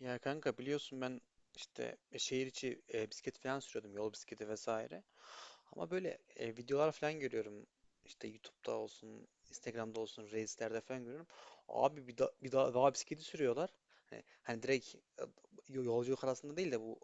Ya kanka biliyorsun ben işte şehir içi bisiklet falan sürüyordum. Yol bisikleti vesaire. Ama böyle videolar falan görüyorum. İşte YouTube'da olsun, Instagram'da olsun, Reels'lerde falan görüyorum. Abi dağ bisikleti sürüyorlar. Hani direkt yolculuk arasında değil de bu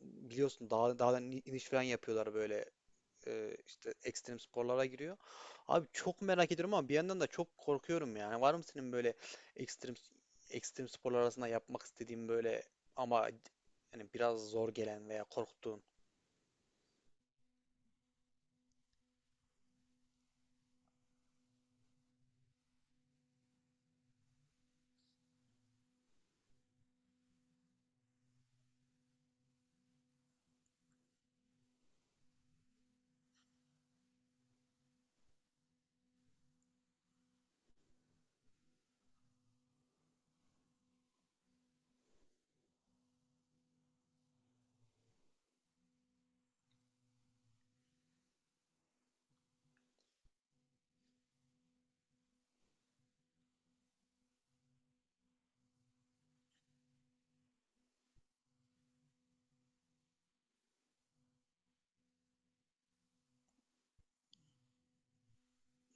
biliyorsun dağdan iniş falan yapıyorlar böyle işte ekstrem sporlara giriyor. Abi çok merak ediyorum ama bir yandan da çok korkuyorum yani. Var mı senin böyle ekstrem ekstrem sporlar arasında yapmak istediğin böyle ama yani biraz zor gelen veya korktuğun?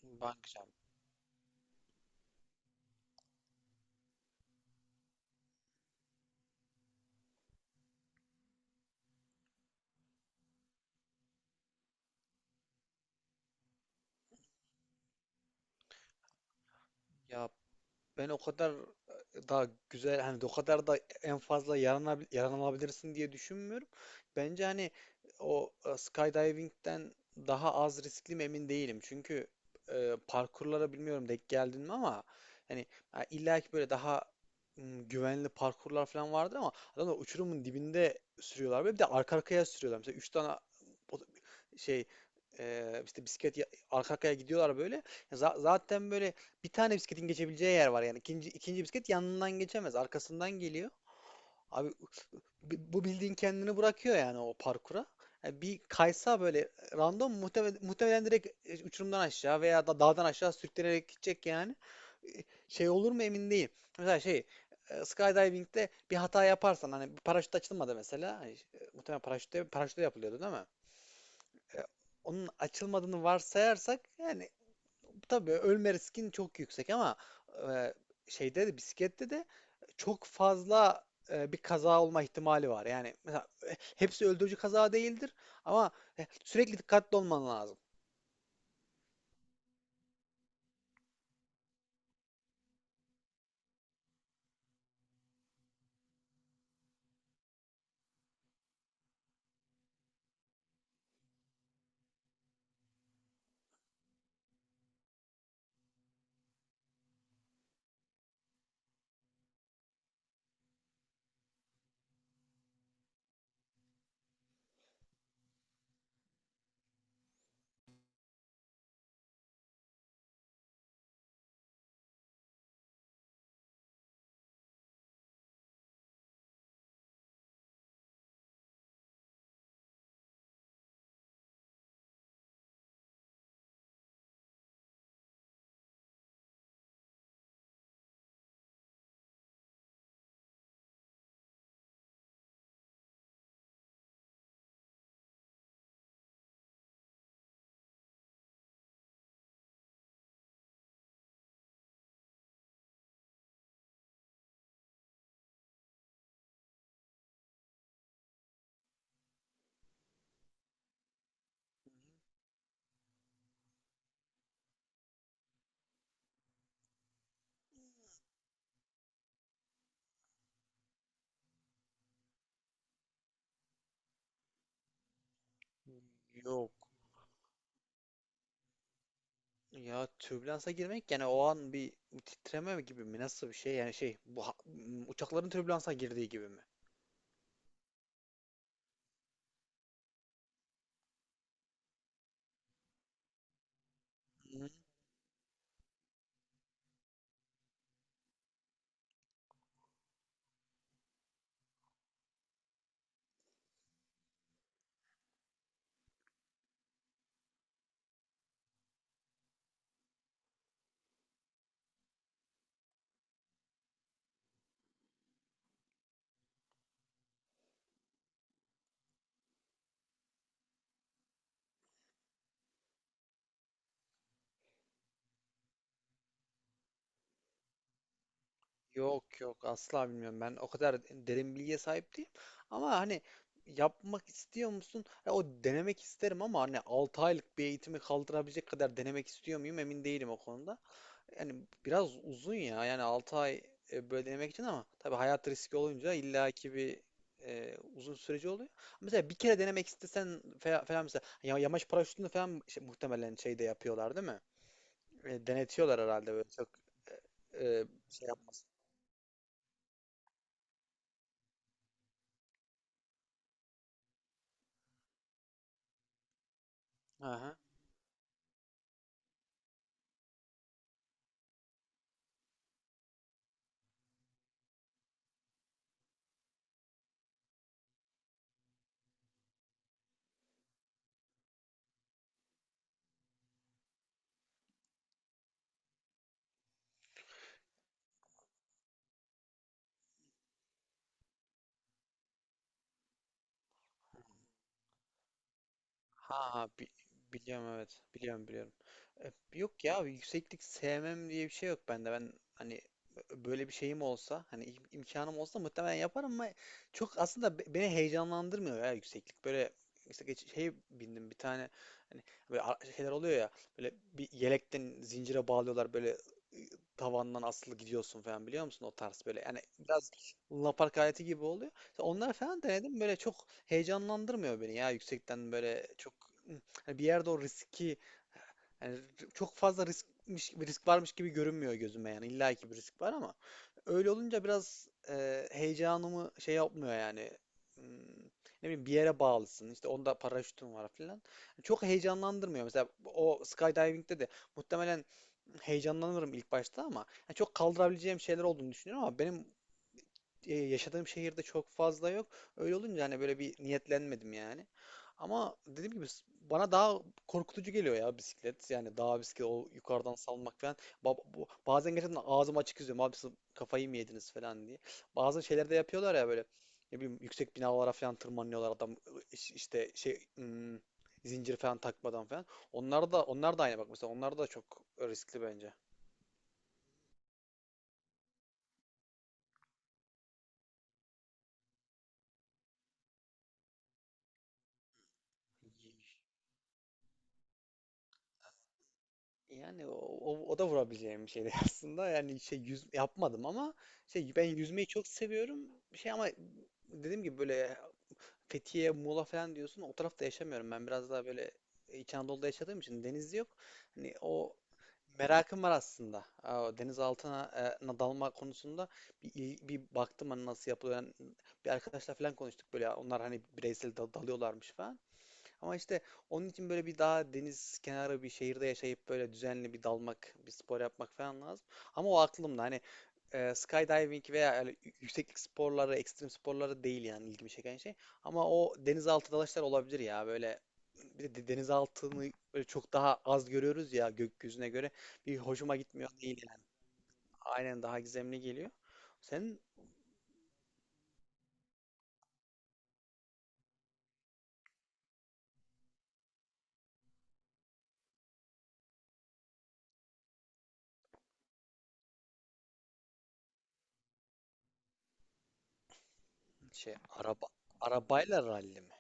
Bungee jump. Ya ben o kadar daha güzel hani o kadar da en fazla yaranabilirsin diye düşünmüyorum. Bence hani o skydiving'den daha az riskli mi emin değilim. Çünkü parkurlara bilmiyorum denk geldin mi ama hani ha, illa ki böyle daha güvenli parkurlar falan vardır ama adamlar uçurumun dibinde sürüyorlar ve bir de arka arkaya sürüyorlar. Mesela 3 tane o- şey işte bisiklet arka arkaya gidiyorlar böyle. Ya zaten böyle bir tane bisikletin geçebileceği yer var yani. İkinci bisiklet yanından geçemez. Arkasından geliyor. Abi bu bildiğin kendini bırakıyor yani o parkura. Yani bir kaysa böyle random muhtemelen direkt uçurumdan aşağı veya da dağdan aşağı sürüklenerek gidecek yani. E, Şey olur mu emin değilim. Mesela şey skydiving'de bir hata yaparsan hani bir paraşüt açılmadı mesela. Hani, muhtemelen paraşütte yapılıyordu değil mi? E, Onun açılmadığını varsayarsak yani tabii ölme riskin çok yüksek ama e, şeyde de bisiklette de çok fazla bir kaza olma ihtimali var. Yani mesela hepsi öldürücü kaza değildir ama sürekli dikkatli olman lazım. Yok ya türbülansa girmek yani o an bir titreme gibi mi nasıl bir şey yani şey bu uçakların türbülansa girdiği gibi mi? Yok yok asla bilmiyorum. Ben o kadar derin bilgiye sahip değilim. Ama hani yapmak istiyor musun? Ya o denemek isterim ama hani 6 aylık bir eğitimi kaldırabilecek kadar denemek istiyor muyum emin değilim o konuda. Yani biraz uzun ya. Yani 6 ay böyle denemek için ama tabii hayat riski olunca illaki bir uzun süreci oluyor. Mesela bir kere denemek istesen falan mesela yamaç paraşütünü falan muhtemelen şeyde yapıyorlar değil mi? Denetiyorlar herhalde böyle çok e, e, şey yapmasın. Ha ha, biliyorum evet. Biliyorum biliyorum. Yok ya yükseklik sevmem diye bir şey yok bende. Ben hani böyle bir şeyim olsa hani imkanım olsa muhtemelen yaparım ama çok aslında beni heyecanlandırmıyor ya yükseklik. Böyle işte şey bindim bir tane hani böyle şeyler oluyor ya böyle bir yelekten zincire bağlıyorlar böyle tavandan asılı gidiyorsun falan biliyor musun o tarz böyle yani biraz lunapark aleti gibi oluyor. Onlar falan denedim böyle çok heyecanlandırmıyor beni ya yüksekten böyle çok hani bir yerde o riski yani çok fazla riskmiş bir risk varmış gibi görünmüyor gözüme yani illa ki bir risk var ama öyle olunca biraz heyecanımı şey yapmıyor yani. Hmm, ne bileyim bir yere bağlısın işte onda paraşütün var filan çok heyecanlandırmıyor mesela o skydiving'de de muhtemelen heyecanlanırım ilk başta ama yani çok kaldırabileceğim şeyler olduğunu düşünüyorum ama benim yaşadığım şehirde çok fazla yok. Öyle olunca hani böyle bir niyetlenmedim yani. Ama dediğim gibi bana daha korkutucu geliyor ya bisiklet. Yani daha bisiklet o yukarıdan salmak falan. Bazen gerçekten ağzım açık izliyorum. Abi siz kafayı mı yediniz falan diye. Bazı şeyler de yapıyorlar ya böyle. Ne bileyim yüksek binalara falan tırmanıyorlar adam işte şey hmm, zincir falan takmadan falan. Onlar da aynı bak mesela onlar da çok riskli bence. Yani o da vurabileceğim bir şeydi aslında. Yani şey yüz yapmadım ama şey ben yüzmeyi çok seviyorum. Şey ama dediğim gibi böyle Fethiye, Muğla falan diyorsun. O tarafta yaşamıyorum. Ben biraz daha böyle İç Anadolu'da yaşadığım için deniz yok. Hani o merakım var aslında. Aa, o deniz altına e, na dalma konusunda bir baktım hani nasıl yapılıyor. Yani bir arkadaşlar falan konuştuk böyle. Onlar hani bireysel dalıyorlarmış falan. Ama işte onun için böyle bir daha deniz kenarı bir şehirde yaşayıp böyle düzenli bir dalmak, bir spor yapmak falan lazım. Ama o aklımda hani skydiving veya öyle yükseklik sporları, ekstrem sporları değil yani ilgimi çeken şey. Ama o denizaltı dalışlar olabilir ya böyle bir de denizaltını böyle çok daha az görüyoruz ya gökyüzüne göre. Bir hoşuma gitmiyor değil yani. Aynen daha gizemli geliyor. Sen şey arabayla ralli mi?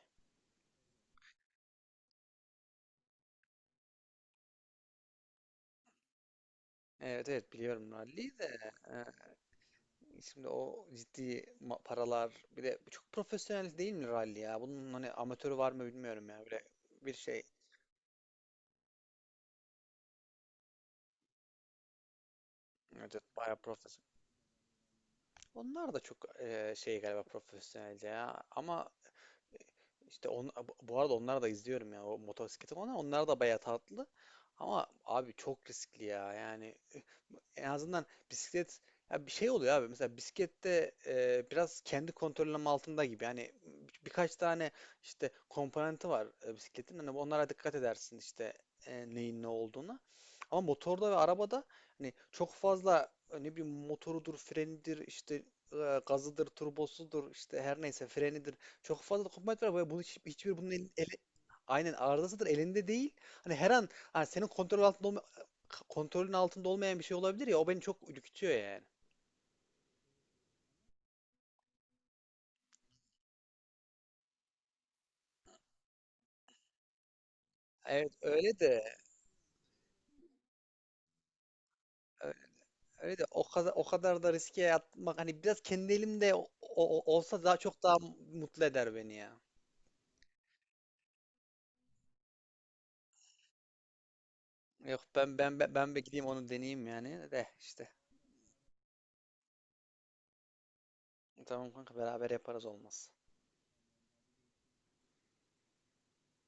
Evet evet biliyorum ralliyi de. Şimdi o ciddi paralar bir de çok profesyonel değil mi rally ya? Bunun hani amatörü var mı bilmiyorum ya. Böyle bir şey evet, evet, bayağı profesyonel. Onlar da çok şey galiba profesyonelce ya. Ama işte bu arada onları da izliyorum ya o motosikleti onlar da bayağı tatlı. Ama abi çok riskli ya. Yani en azından bisiklet ya bir şey oluyor abi. Mesela bisiklette biraz kendi kontrolüm altında gibi. Yani birkaç tane işte komponenti var bisikletin. Hani onlara dikkat edersin işte neyin ne olduğuna. Ama motorda ve arabada hani çok fazla ne bileyim motorudur, frenidir, işte gazıdır, turbosudur, işte her neyse frenidir. Çok fazla komponent var ve bu hiçbir bunun aynen arızasıdır elinde değil. Hani her an hani senin kontrolün altında olmayan bir şey olabilir ya o beni çok ürkütüyor yani. Evet öyle de ö- öyle de o kadar da riske atmak hani biraz kendi elimde olsa daha çok daha mutlu eder beni ya. Yok ben bir gideyim onu deneyeyim yani de işte. Tamam kanka beraber yaparız olmaz.